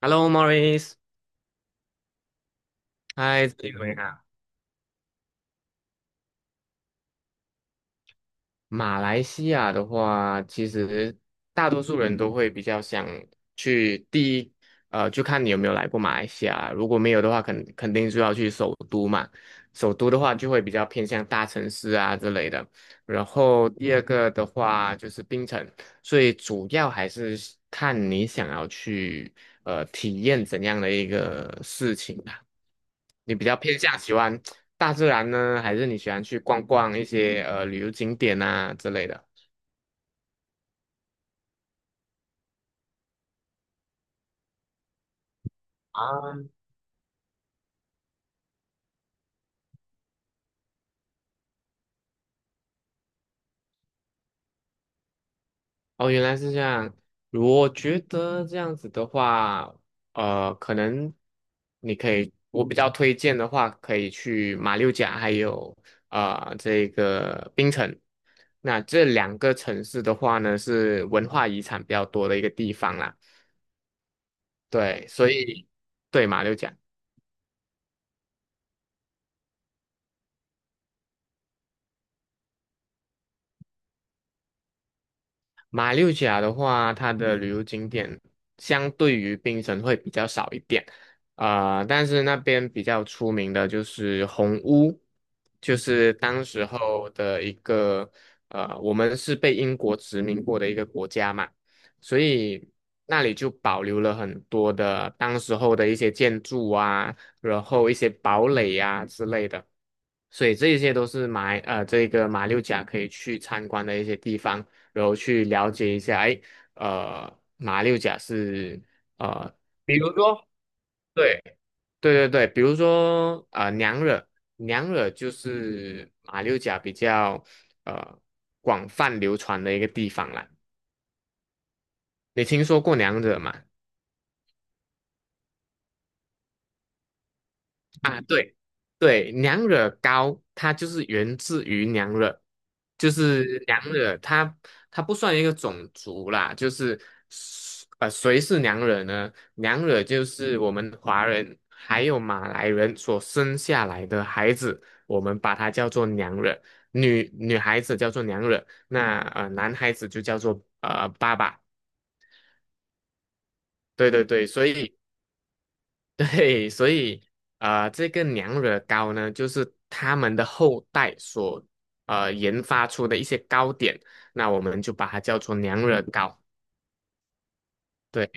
Hello, Maurice,嗨，你怎么样？马来西亚的话，其实大多数人都会比较想去第一，就看你有没有来过马来西亚。如果没有的话，肯定就要去首都嘛。首都的话，就会比较偏向大城市啊之类的。然后第二个的话就是槟城，所以主要还是看你想要去体验怎样的一个事情。你比较偏向喜欢大自然呢，还是你喜欢去逛逛一些旅游景点啊之类的？啊，哦，原来是这样。我觉得这样子的话，可能你可以，我比较推荐的话，可以去马六甲，还有啊这个槟城。那这两个城市的话呢，是文化遗产比较多的一个地方啦。对，所以对马六甲。马六甲的话，它的旅游景点相对于槟城会比较少一点，啊、但是那边比较出名的就是红屋，就是当时候的一个我们是被英国殖民过的一个国家嘛，所以那里就保留了很多的当时候的一些建筑啊，然后一些堡垒呀、之类的。所以这一些都是这个马六甲可以去参观的一些地方。然后去了解一下，哎，马六甲是呃，比如说，对对，比如说娘惹，娘惹就是马六甲比较呃广泛流传的一个地方啦。你听说过娘惹吗？啊，对对，娘惹糕它就是源自于娘惹，就是娘惹它不算一个种族啦，就是谁是娘惹呢？娘惹就是我们华人还有马来人所生下来的孩子，我们把它叫做娘惹，女孩子叫做娘惹，那男孩子就叫做爸爸。对对对，所以 对，所以这个娘惹糕呢，就是他们的后代所研发出的一些糕点，那我们就把它叫做娘惹糕。对，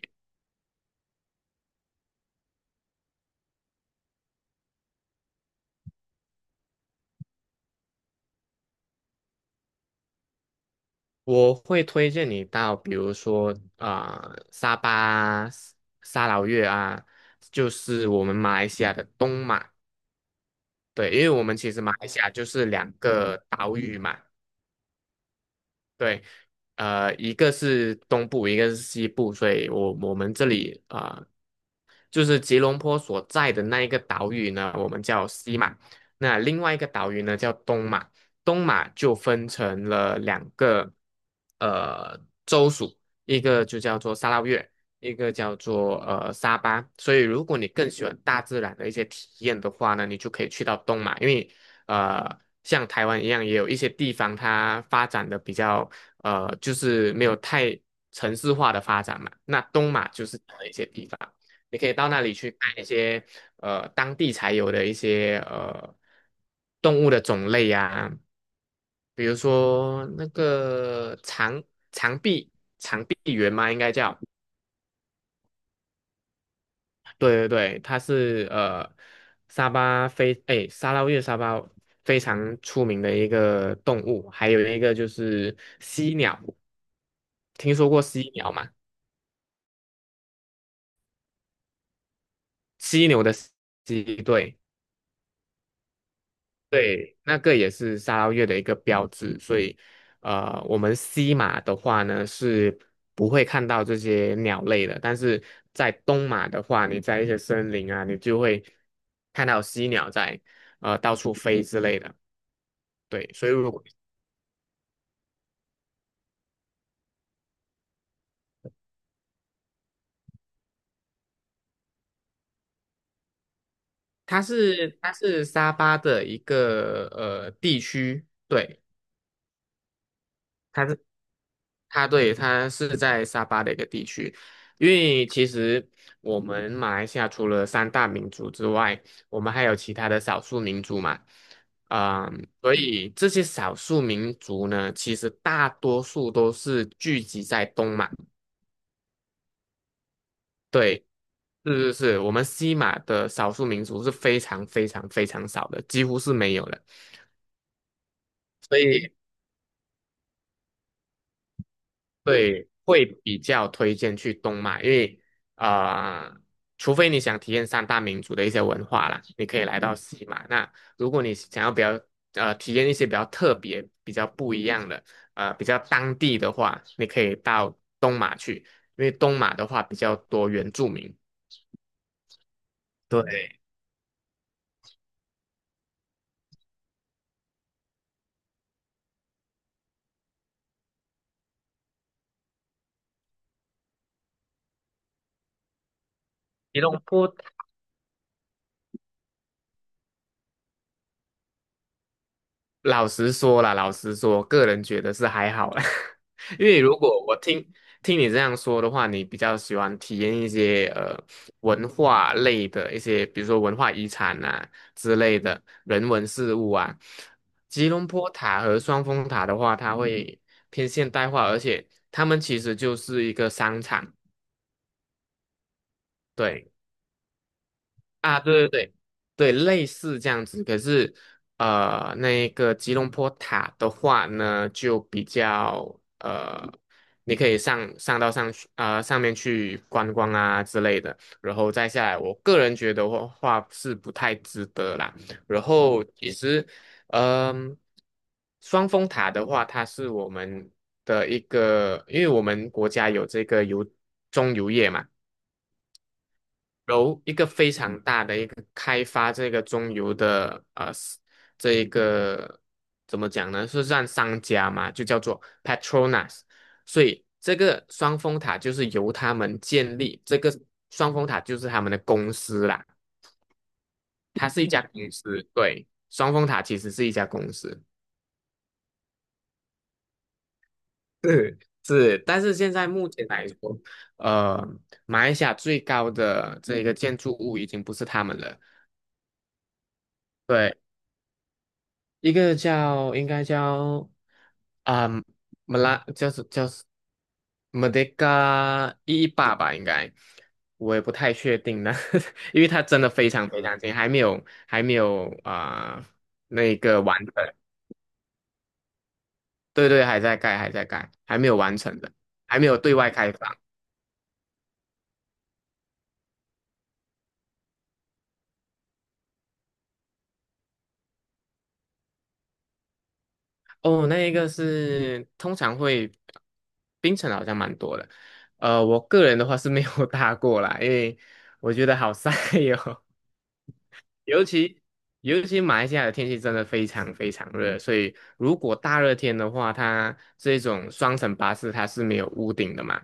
我会推荐你到，比如说沙巴啊沙劳越啊，就是我们马来西亚的东马。对，因为我们其实马来西亚就是两个岛屿嘛，对，一个是东部，一个是西部，所以我们这里啊。就是吉隆坡所在的那一个岛屿呢，我们叫西马，那另外一个岛屿呢叫东马，东马就分成了两个呃州属，一个就叫做沙捞越，一个叫做沙巴。所以如果你更喜欢大自然的一些体验的话呢，你就可以去到东马，因为呃像台湾一样，也有一些地方它发展的比较就是没有太城市化的发展嘛，那东马就是这样的一些地方。你可以到那里去看一些当地才有的一些动物的种类啊，比如说那个长臂长臂猿嘛，应该叫，对对对，它是沙捞越沙巴非常出名的一个动物，还有一个就是犀鸟，听说过犀鸟吗？犀牛的犀，对。对，那个也是沙捞越的一个标志，所以，我们西马的话呢是不会看到这些鸟类的，但是在东马的话，你在一些森林啊，你就会看到犀鸟在到处飞之类的。对，所以如果它是沙巴的一个地区，对。它是。它对，它是在沙巴的一个地区，因为其实我们马来西亚除了三大民族之外，我们还有其他的少数民族嘛，嗯，所以这些少数民族呢，其实大多数都是聚集在东马，对，是是是，我们西马的少数民族是非常非常非常少的，几乎是没有的。所以对，会比较推荐去东马，因为呃，除非你想体验三大民族的一些文化啦，你可以来到西马。那如果你想要比较体验一些比较特别、比较不一样的比较当地的话，你可以到东马去，因为东马的话比较多原住民。对，吉隆坡老实说啦，老实说，个人觉得是还好啦。因为如果我听你这样说的话，你比较喜欢体验一些文化类的一些，比如说文化遗产啊之类的人文事物啊。吉隆坡塔和双峰塔的话，它会偏现代化，而且他们其实就是一个商场。对。啊，对对，类似这样子。可是，那个吉隆坡塔的话呢，就比较你可以上到上去上面去观光啊之类的，然后再下来，我个人觉得话是不太值得啦。然后其实，嗯、双峰塔的话，它是我们的一个，因为我们国家有这个中油业嘛。由一个非常大的一个开发这个中游的这一个怎么讲呢？是让商家嘛，就叫做 Petronas，所以这个双峰塔就是由他们建立，这个双峰塔就是他们的公司啦，它是一家公司，对，双峰塔其实是一家公司。是是，但是现在目前来说，呃，马来西亚最高的这个建筑物已经不是他们了。对。一个叫应该叫啊，马拉叫是就是马德加一一八吧，应该我也不太确定呢，因为它真的非常非常近，还没有啊、那个完成，对对，还在盖，还没有完成的，还没有对外开放。哦，那一个是通常会冰城好像蛮多的，我个人的话是没有 搭过啦，因为我觉得好晒哟、尤其尤其马来西亚的天气真的非常非常热，所以如果大热天的话，它这种双层巴士它是没有屋顶的嘛，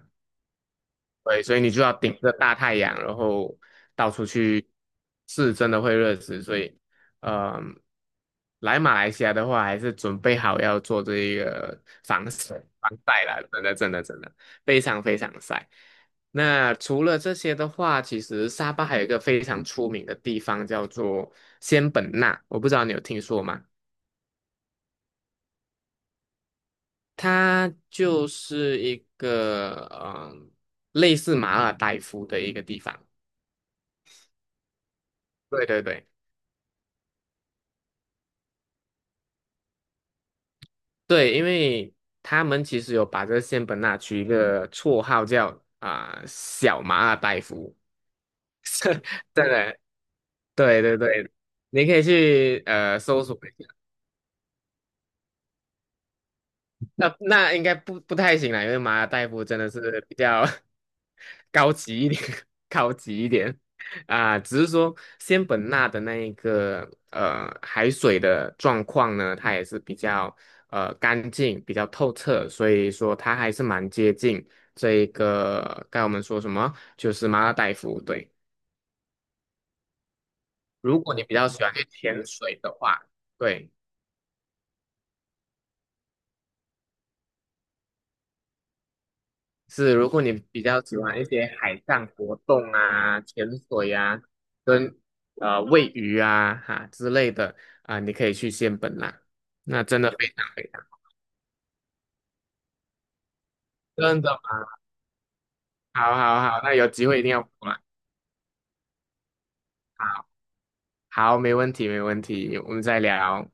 对，所以你就要顶着大太阳，然后到处去，是真的会热死。所以，嗯、来马来西亚的话，还是准备好要做这一个防晒啦，真的真的真的非常非常晒。那除了这些的话，其实沙巴还有一个非常出名的地方叫做仙本那，我不知道你有听说吗？它就是一个嗯、类似马尔代夫的一个地方。对对对，对，因为他们其实有把这个仙本那取一个绰号叫啊、小马尔代夫，是真的，对对对，你可以去搜索。那那应该不太行啦，因为马尔代夫真的是比较 高级一点，高级一点啊。只是说仙本那的那一个海水的状况呢，它也是比较干净、比较透彻，所以说它还是蛮接近这一个该我们说什么，就是马尔代夫。对，如果你比较喜欢去潜水的话，对。是，如果你比较喜欢一些海上活动啊、潜水啊、跟喂鱼啊哈之类的啊、你可以去仙本那，那真的非常非常真的吗好好好，那有机会一定要过来，好好，没问题没问题，我们再聊，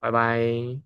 拜拜。